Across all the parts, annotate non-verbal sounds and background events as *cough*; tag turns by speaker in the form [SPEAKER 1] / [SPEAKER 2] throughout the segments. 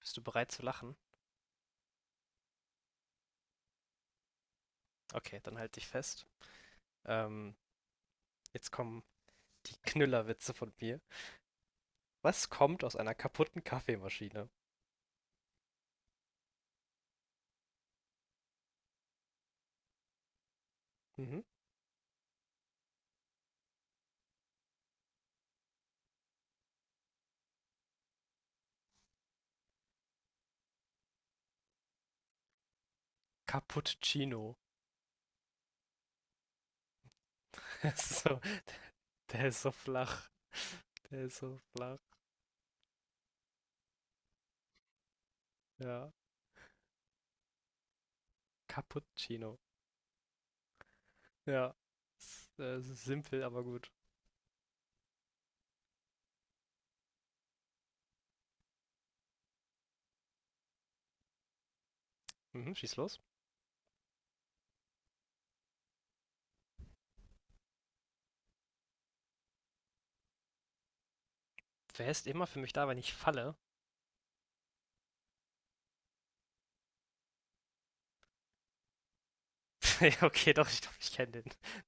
[SPEAKER 1] Bist du bereit zu lachen? Okay, dann halt dich fest. Ähm, jetzt kommen die *laughs* Knüllerwitze von mir. Was kommt aus einer kaputten Kaffeemaschine? Mhm. Cappuccino. *laughs* Der ist so, der ist so flach. Der ist so flach. Ja. Cappuccino. Ja. Ist simpel, aber gut. Mhm, schieß los. Wer ist immer für mich da, wenn ich falle? *laughs* Okay, doch, ich glaube, ich kenne den.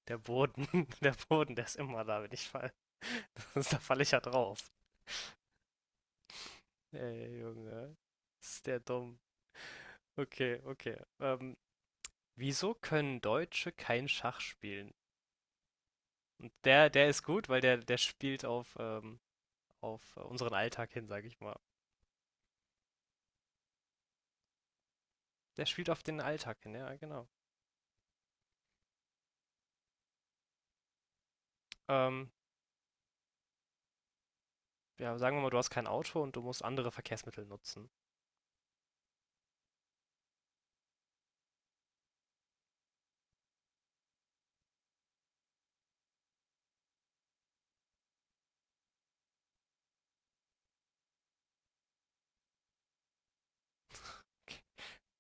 [SPEAKER 1] Der Boden. *laughs* Der Boden, der ist immer da, wenn ich falle. *laughs* Da falle ich ja drauf. Ey, Junge. Ist der dumm. Okay, okay. Wieso können Deutsche kein Schach spielen? Und der, der ist gut, weil der, der spielt auf unseren Alltag hin, sag ich mal. Der spielt auf den Alltag hin, ja, genau. Ähm, ja, sagen wir mal, du hast kein Auto und du musst andere Verkehrsmittel nutzen,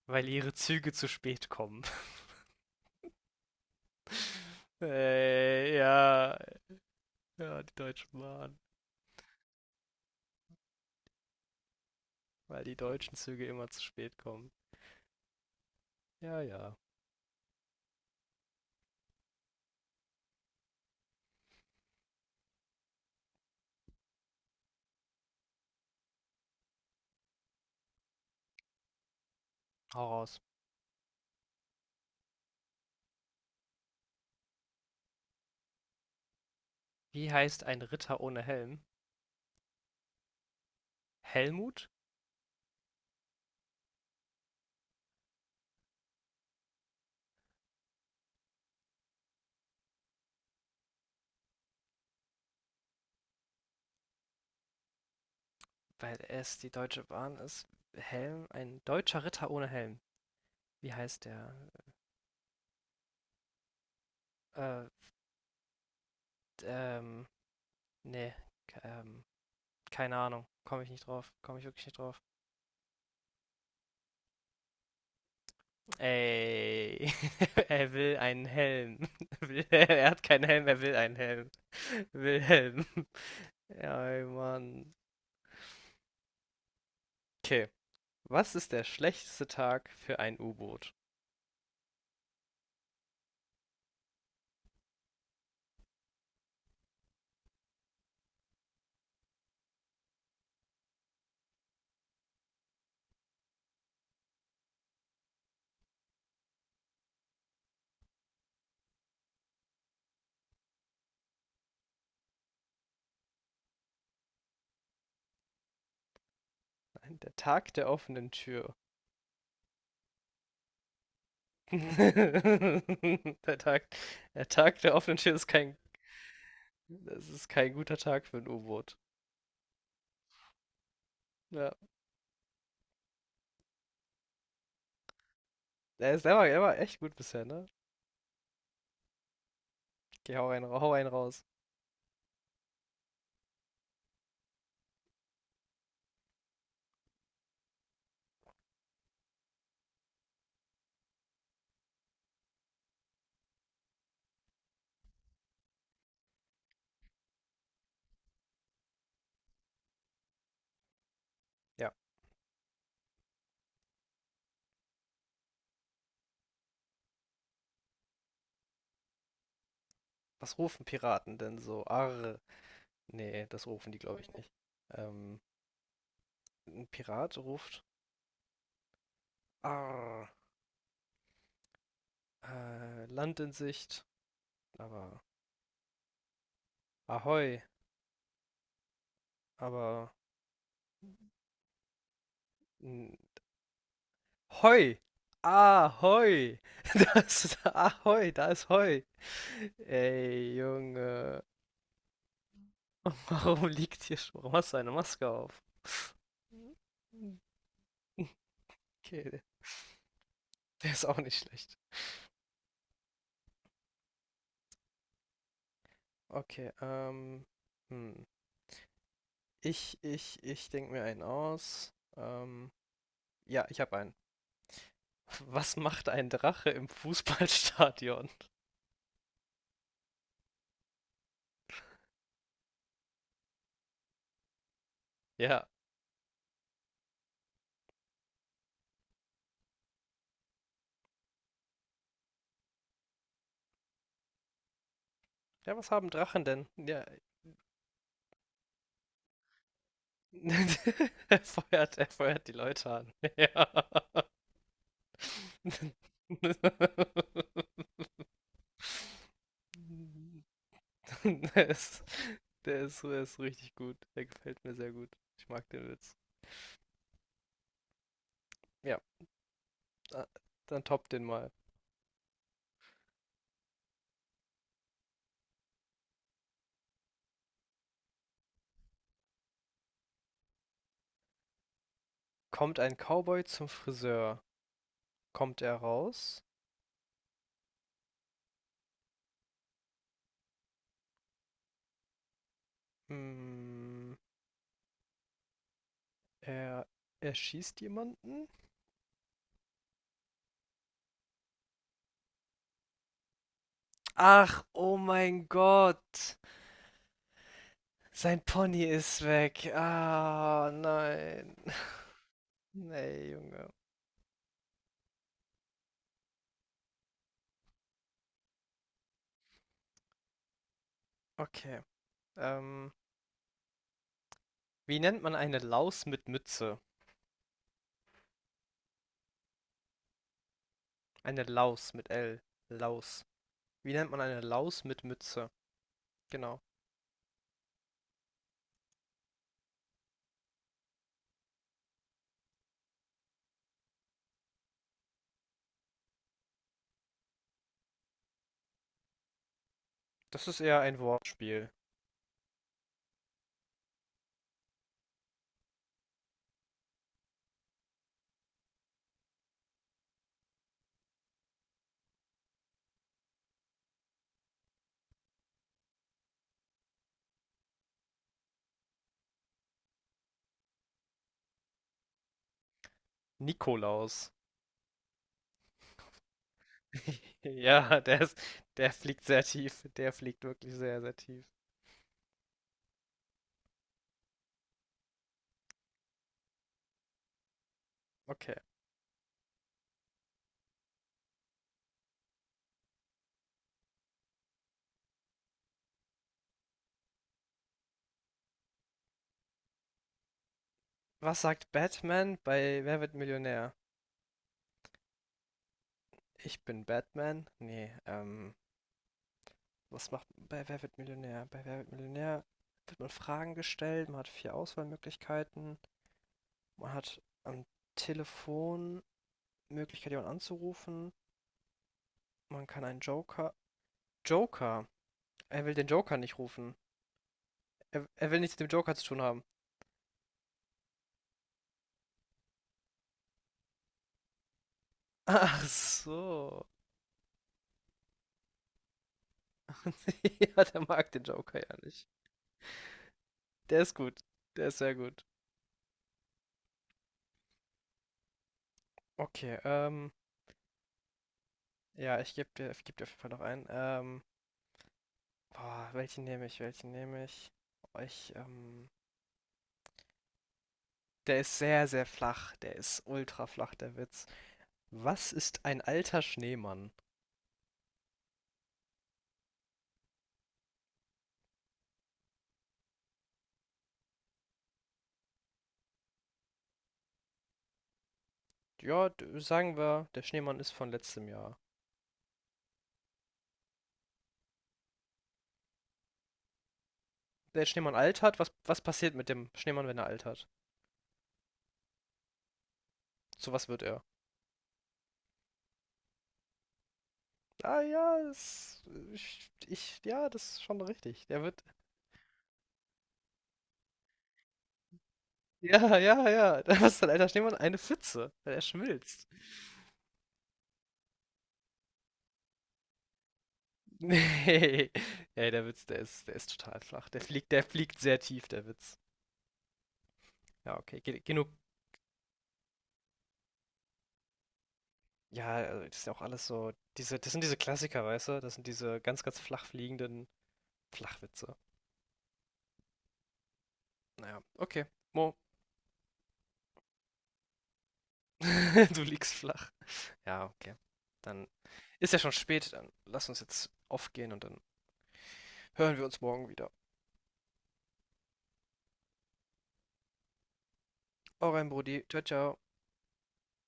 [SPEAKER 1] weil ihre Züge zu spät kommen. *laughs* Ja, ja, die Deutschen Bahn, weil die deutschen Züge immer zu spät kommen. Ja, ja, hau raus. Wie heißt ein Ritter ohne Helm? Helmut? Weil es die Deutsche Bahn ist, Helm, ein deutscher Ritter ohne Helm. Wie heißt der? Äh, ähm, nee, ähm, keine Ahnung. Komme ich nicht drauf. Komme ich wirklich nicht drauf. Ey, *laughs* er will einen Helm. *laughs* Er hat keinen Helm, er will einen Helm. Wilhelm. *laughs* Ja, ey, Mann. Okay. Was ist der schlechteste Tag für ein U-Boot? Nein, der Tag der offenen Tür. *laughs* Der Tag, der Tag der offenen Tür ist kein Das ist kein guter Tag für ein U-Boot. Ja. Er war echt gut bisher, ne? Okay, hau einen raus. Ja. Was rufen Piraten denn so? Arr. Nee, das rufen die, glaube ich, nicht. Ähm, ein Pirat ruft Arr. Land in Sicht. Aber Ahoi. Aber n- Hoi. Ahoi. *laughs* Da ist Ahoi. Da ist Hoi. Ey, Junge. *laughs* Warum liegt hier schon? Warum hast du eine Maske auf? *laughs* Okay, der ist auch nicht schlecht. Okay, hm. Ich denke mir einen aus. Ja, ich habe einen. *laughs* Was macht ein Drache im Fußballstadion? *laughs* Ja. Ja, was haben Drachen denn? Ja. *laughs* Er feuert die Leute an. *laughs* Ja. *laughs* Es- der ist richtig gut. Der gefällt mir sehr gut. Ich mag den Witz. Ja, äh, dann top den mal. Kommt ein Cowboy zum Friseur? Kommt er raus? Hm, er erschießt jemanden? Ach, oh mein Gott. Sein Pony ist weg. Ah, nein. *laughs* Nee, Junge. Okay. Ähm, wie nennt man eine Laus mit Mütze? Eine Laus mit L. Laus. Wie nennt man eine Laus mit Mütze? Genau. Das ist eher ein Wortspiel. Nikolaus. *laughs* Ja, der fliegt sehr tief. Der fliegt wirklich sehr, sehr tief. Okay. Was sagt Batman bei Wer wird Millionär? Ich bin Batman? Nee, was macht bei Wer wird Millionär? Bei Wer wird Millionär wird man Fragen gestellt, man hat vier Auswahlmöglichkeiten, man hat am Telefon Möglichkeit, jemanden anzurufen, man kann einen Joker. Joker! Er will den Joker nicht rufen. Er will nichts mit dem Joker zu tun haben. Ach so. *laughs* Ja, der mag den Joker ja nicht. Der ist gut. Der ist sehr gut. Okay, ja, ich geb dir auf jeden Fall noch einen. Boah, welchen nehme ich? Welchen nehme ich? Oh, der ist sehr, sehr flach. Der ist ultra flach, der Witz. Was ist ein alter Schneemann? Ja, sagen wir, der Schneemann ist von letztem Jahr. Der Schneemann altert. Was passiert mit dem Schneemann, wenn er altert? Zu was wird er? Ah ja, ja, das ist schon richtig. Der wird Ja, ja, ja. *laughs* Da ist dein alter Schneemann eine Pfütze, weil er schmilzt. *laughs* Nee. Ey, der Witz, der ist total flach. Der fliegt sehr tief, der Witz. Ja, okay. Ge genug. Ja, also das ist ja auch alles so. Das sind diese Klassiker, weißt du? Das sind diese ganz, ganz flach fliegenden Flachwitze. Naja, okay. Mo, *laughs* Du liegst flach. Ja, okay. Dann ist ja schon spät. Dann lass uns jetzt aufgehen und dann hören wir uns morgen wieder. Euer Brudi. Ciao, ciao.